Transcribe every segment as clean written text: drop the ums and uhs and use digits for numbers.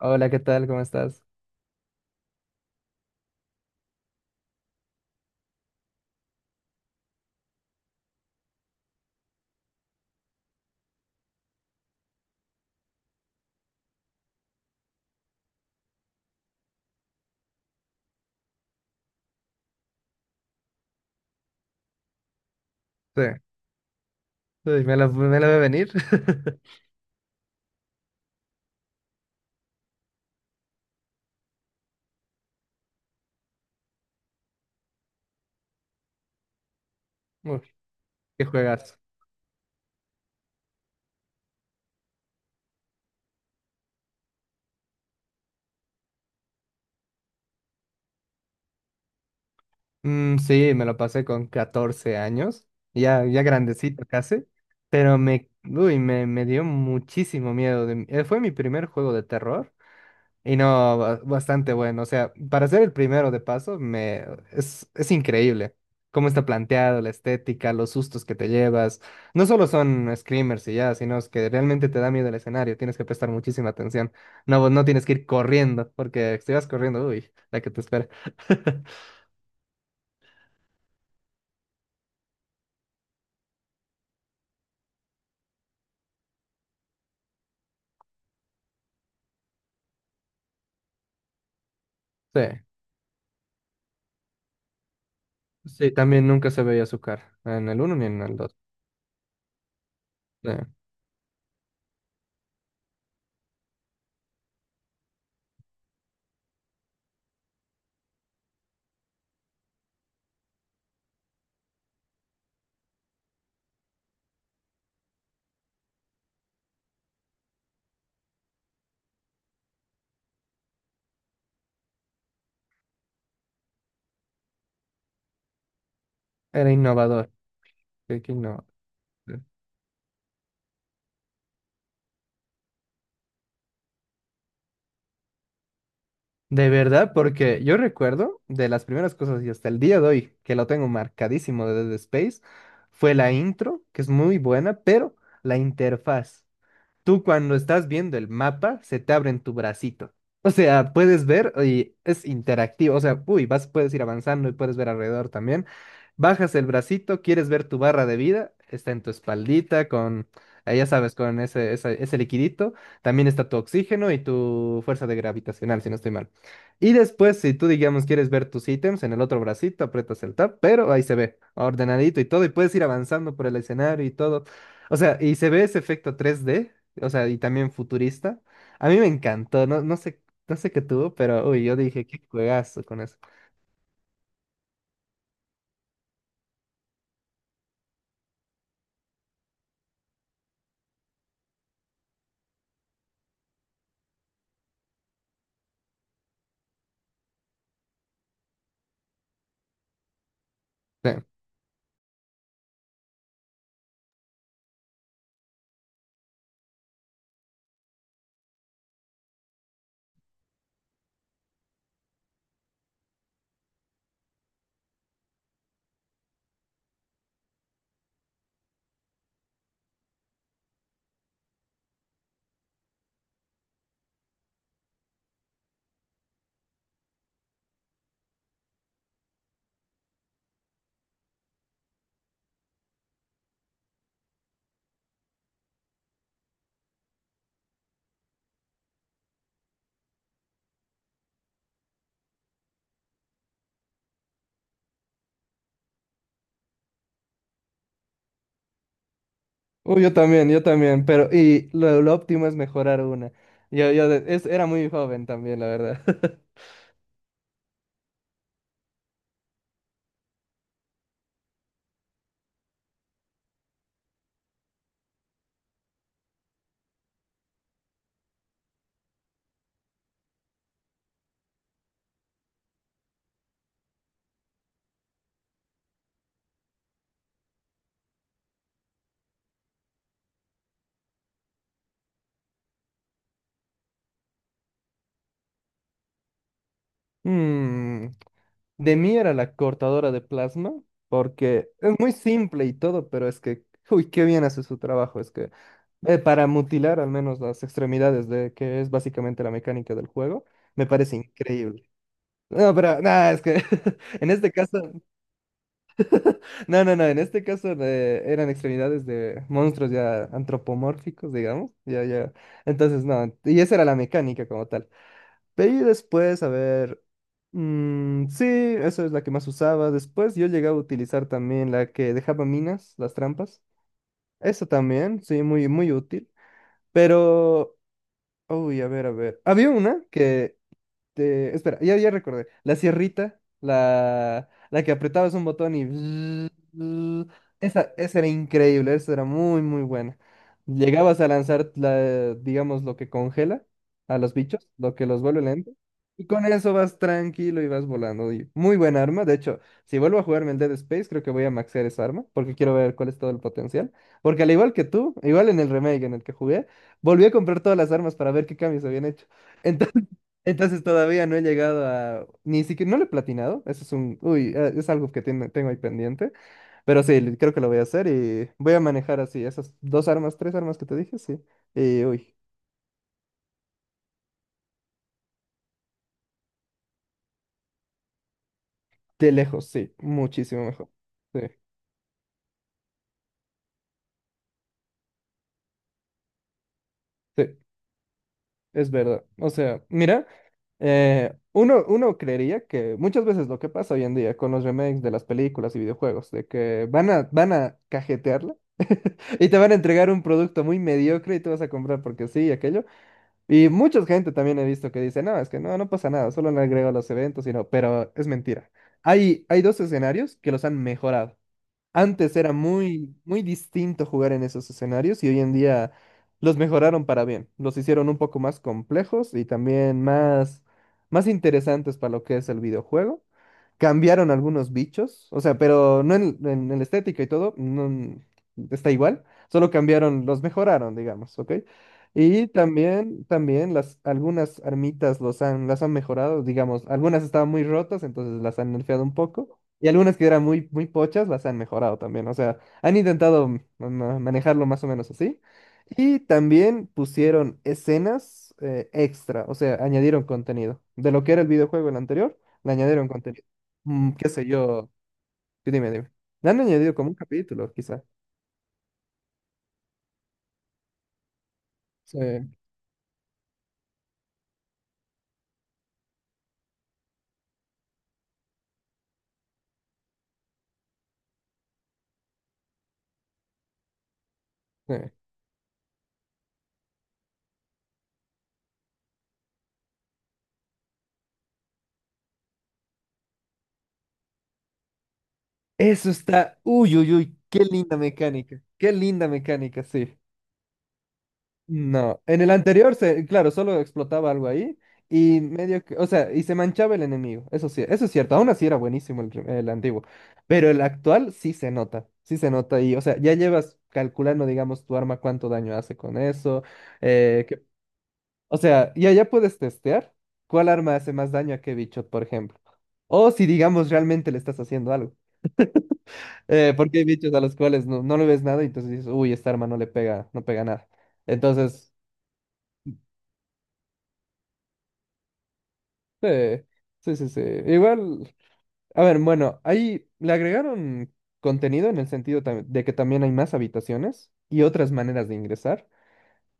Hola, ¿qué tal? ¿Cómo estás? Sí, Me la ve venir. Uf. Qué juegas. Sí, me lo pasé con 14 años, ya grandecito casi, pero me dio muchísimo miedo. Fue mi primer juego de terror. Y no, bastante bueno. O sea, para ser el primero de paso, me es increíble cómo está planteado, la estética, los sustos que te llevas. No solo son screamers y ya, sino es que realmente te da miedo el escenario. Tienes que prestar muchísima atención. No, vos no tienes que ir corriendo, porque si vas corriendo, uy, la que te espera. Sí, sí, también nunca se veía su cara, en el uno ni en el dos. Sí, era innovador. Qué innovador. De verdad, porque yo recuerdo de las primeras cosas y hasta el día de hoy que lo tengo marcadísimo de Dead Space fue la intro, que es muy buena, pero la interfaz, tú cuando estás viendo el mapa, se te abre en tu bracito. O sea, puedes ver y es interactivo. O sea, uy, vas, puedes ir avanzando y puedes ver alrededor también. Bajas el bracito, quieres ver tu barra de vida, está en tu espaldita con, ya sabes, con ese liquidito. También está tu oxígeno y tu fuerza de gravitacional, si no estoy mal. Y después, si tú, digamos, quieres ver tus ítems en el otro bracito, aprietas el tab, pero ahí se ve ordenadito y todo, y puedes ir avanzando por el escenario y todo. O sea, y se ve ese efecto 3D, o sea, y también futurista. A mí me encantó, no, no sé, no sé qué tuvo, pero uy, yo dije, qué juegazo con eso. Sí. Uy, yo también, pero y lo óptimo es mejorar una. Yo, era muy joven también, la verdad. Mm, de mí era la cortadora de plasma, porque es muy simple y todo, pero es que, uy, qué bien hace su trabajo. Es que para mutilar al menos las extremidades, de que es básicamente la mecánica del juego, me parece increíble. No, pero nada, es que en este caso, no, no, no, en este caso eran extremidades de monstruos ya antropomórficos, digamos, ya, ya. Entonces, no, y esa era la mecánica como tal. De ahí después, a ver, mm, sí, eso es la que más usaba. Después yo llegaba a utilizar también la que dejaba minas, las trampas. Eso también, sí, muy, muy útil. Pero, uy, a ver, a ver. Había una que espera, ya, ya recordé. La sierrita, la que apretabas un botón y... bzz, bzz. Esa era increíble, esa era muy, muy buena. Llegabas a lanzar la, digamos, lo que congela a los bichos, lo que los vuelve lento. Y con eso vas tranquilo y vas volando. Y muy buena arma. De hecho, si vuelvo a jugarme el Dead Space, creo que voy a maxear esa arma, porque quiero ver cuál es todo el potencial. Porque al igual que tú, igual en el remake en el que jugué, volví a comprar todas las armas para ver qué cambios habían hecho. Entonces todavía no he llegado a... Ni siquiera... No lo he platinado. Eso es un... Uy, es algo que tengo ahí pendiente. Pero sí, creo que lo voy a hacer y voy a manejar así esas dos armas, tres armas que te dije, sí. Y uy, de lejos, sí. Muchísimo mejor. Sí, sí, es verdad. O sea, mira, uno, uno creería que muchas veces lo que pasa hoy en día con los remakes de las películas y videojuegos, de que van a, van a cajetearla. Y te van a entregar un producto muy mediocre y tú vas a comprar porque sí y aquello. Y mucha gente también he visto que dice, no, es que no, no pasa nada, solo le agrego los eventos y no, pero es mentira. Hay dos escenarios que los han mejorado. Antes era muy, muy distinto jugar en esos escenarios y hoy en día los mejoraron para bien. Los hicieron un poco más complejos y también más, más interesantes para lo que es el videojuego. Cambiaron algunos bichos, o sea, pero no en la estética y todo, no, está igual. Solo cambiaron, los mejoraron, digamos, ¿ok? Y también, también las, algunas armitas los han, las han mejorado, digamos, algunas estaban muy rotas, entonces las han nerfeado un poco. Y algunas que eran muy, muy pochas las han mejorado también. O sea, han intentado mm, manejarlo más o menos así. Y también pusieron escenas extra. O sea, añadieron contenido. De lo que era el videojuego el anterior, le añadieron contenido. Mm, qué sé yo. Tú Dime, dime. Le han añadido como un capítulo, quizá. Sí, sí. Eso está. Uy, uy, uy. Qué linda mecánica. Qué linda mecánica, sí. No, en el anterior, se, claro, solo explotaba algo ahí y medio que, o sea, y se manchaba el enemigo, eso sí, eso es cierto, aún así era buenísimo el, el antiguo, pero el actual sí se nota y, o sea, ya llevas calculando, digamos, tu arma cuánto daño hace con eso, eh, que- o sea, ya puedes testear cuál arma hace más daño a qué bicho, por ejemplo, o si, digamos, realmente le estás haciendo algo, porque hay bichos a los cuales no, no le ves nada y entonces dices, uy, esta arma no le pega, no pega nada. Entonces, sí, sí. Igual, a ver, bueno, ahí le agregaron contenido en el sentido de que también hay más habitaciones y otras maneras de ingresar.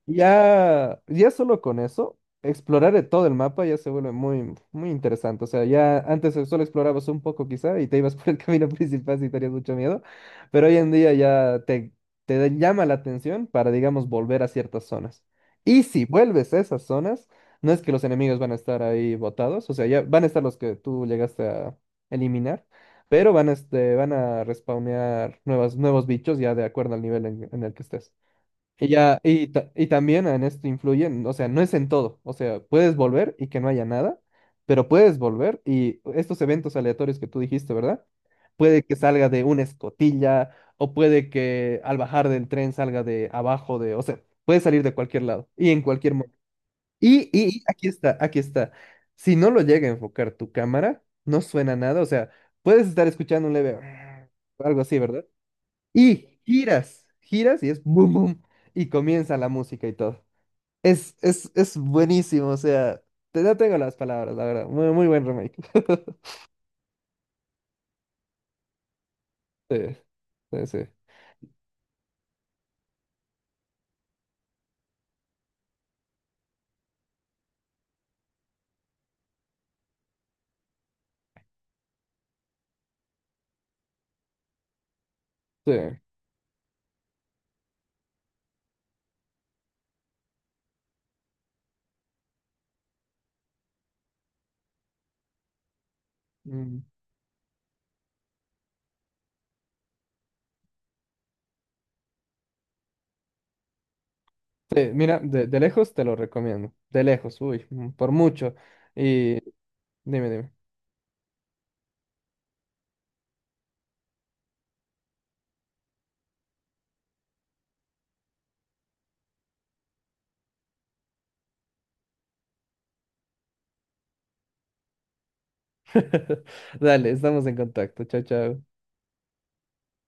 Ya, ya solo con eso, explorar de todo el mapa ya se vuelve muy, muy interesante. O sea, ya antes solo explorabas un poco quizá y te ibas por el camino principal si tenías mucho miedo, pero hoy en día ya te llama la atención para, digamos, volver a ciertas zonas. Y si vuelves a esas zonas, no es que los enemigos van a estar ahí botados, o sea, ya van a estar los que tú llegaste a eliminar, pero van a, van a respawnear nuevas, nuevos bichos ya de acuerdo al nivel en el que estés. Y ya, y también en esto influyen, o sea, no es en todo, o sea, puedes volver y que no haya nada, pero puedes volver y estos eventos aleatorios que tú dijiste, ¿verdad? Puede que salga de una escotilla o puede que al bajar del tren salga de abajo de, o sea, puede salir de cualquier lado y en cualquier momento. Y, y aquí está, aquí está. Si no lo llega a enfocar tu cámara, no suena nada, o sea, puedes estar escuchando un leve algo así, ¿verdad? Y giras, giras y es boom, boom. Y comienza la música y todo. Es, es buenísimo, o sea, te, no tengo las palabras, la verdad. Muy, muy buen remake. Sí, sí, sí, sí. Mm, sí, mira, de lejos te lo recomiendo. De lejos, uy, mm, por mucho. Y dime, dime. Dale, estamos en contacto. Chao, chao.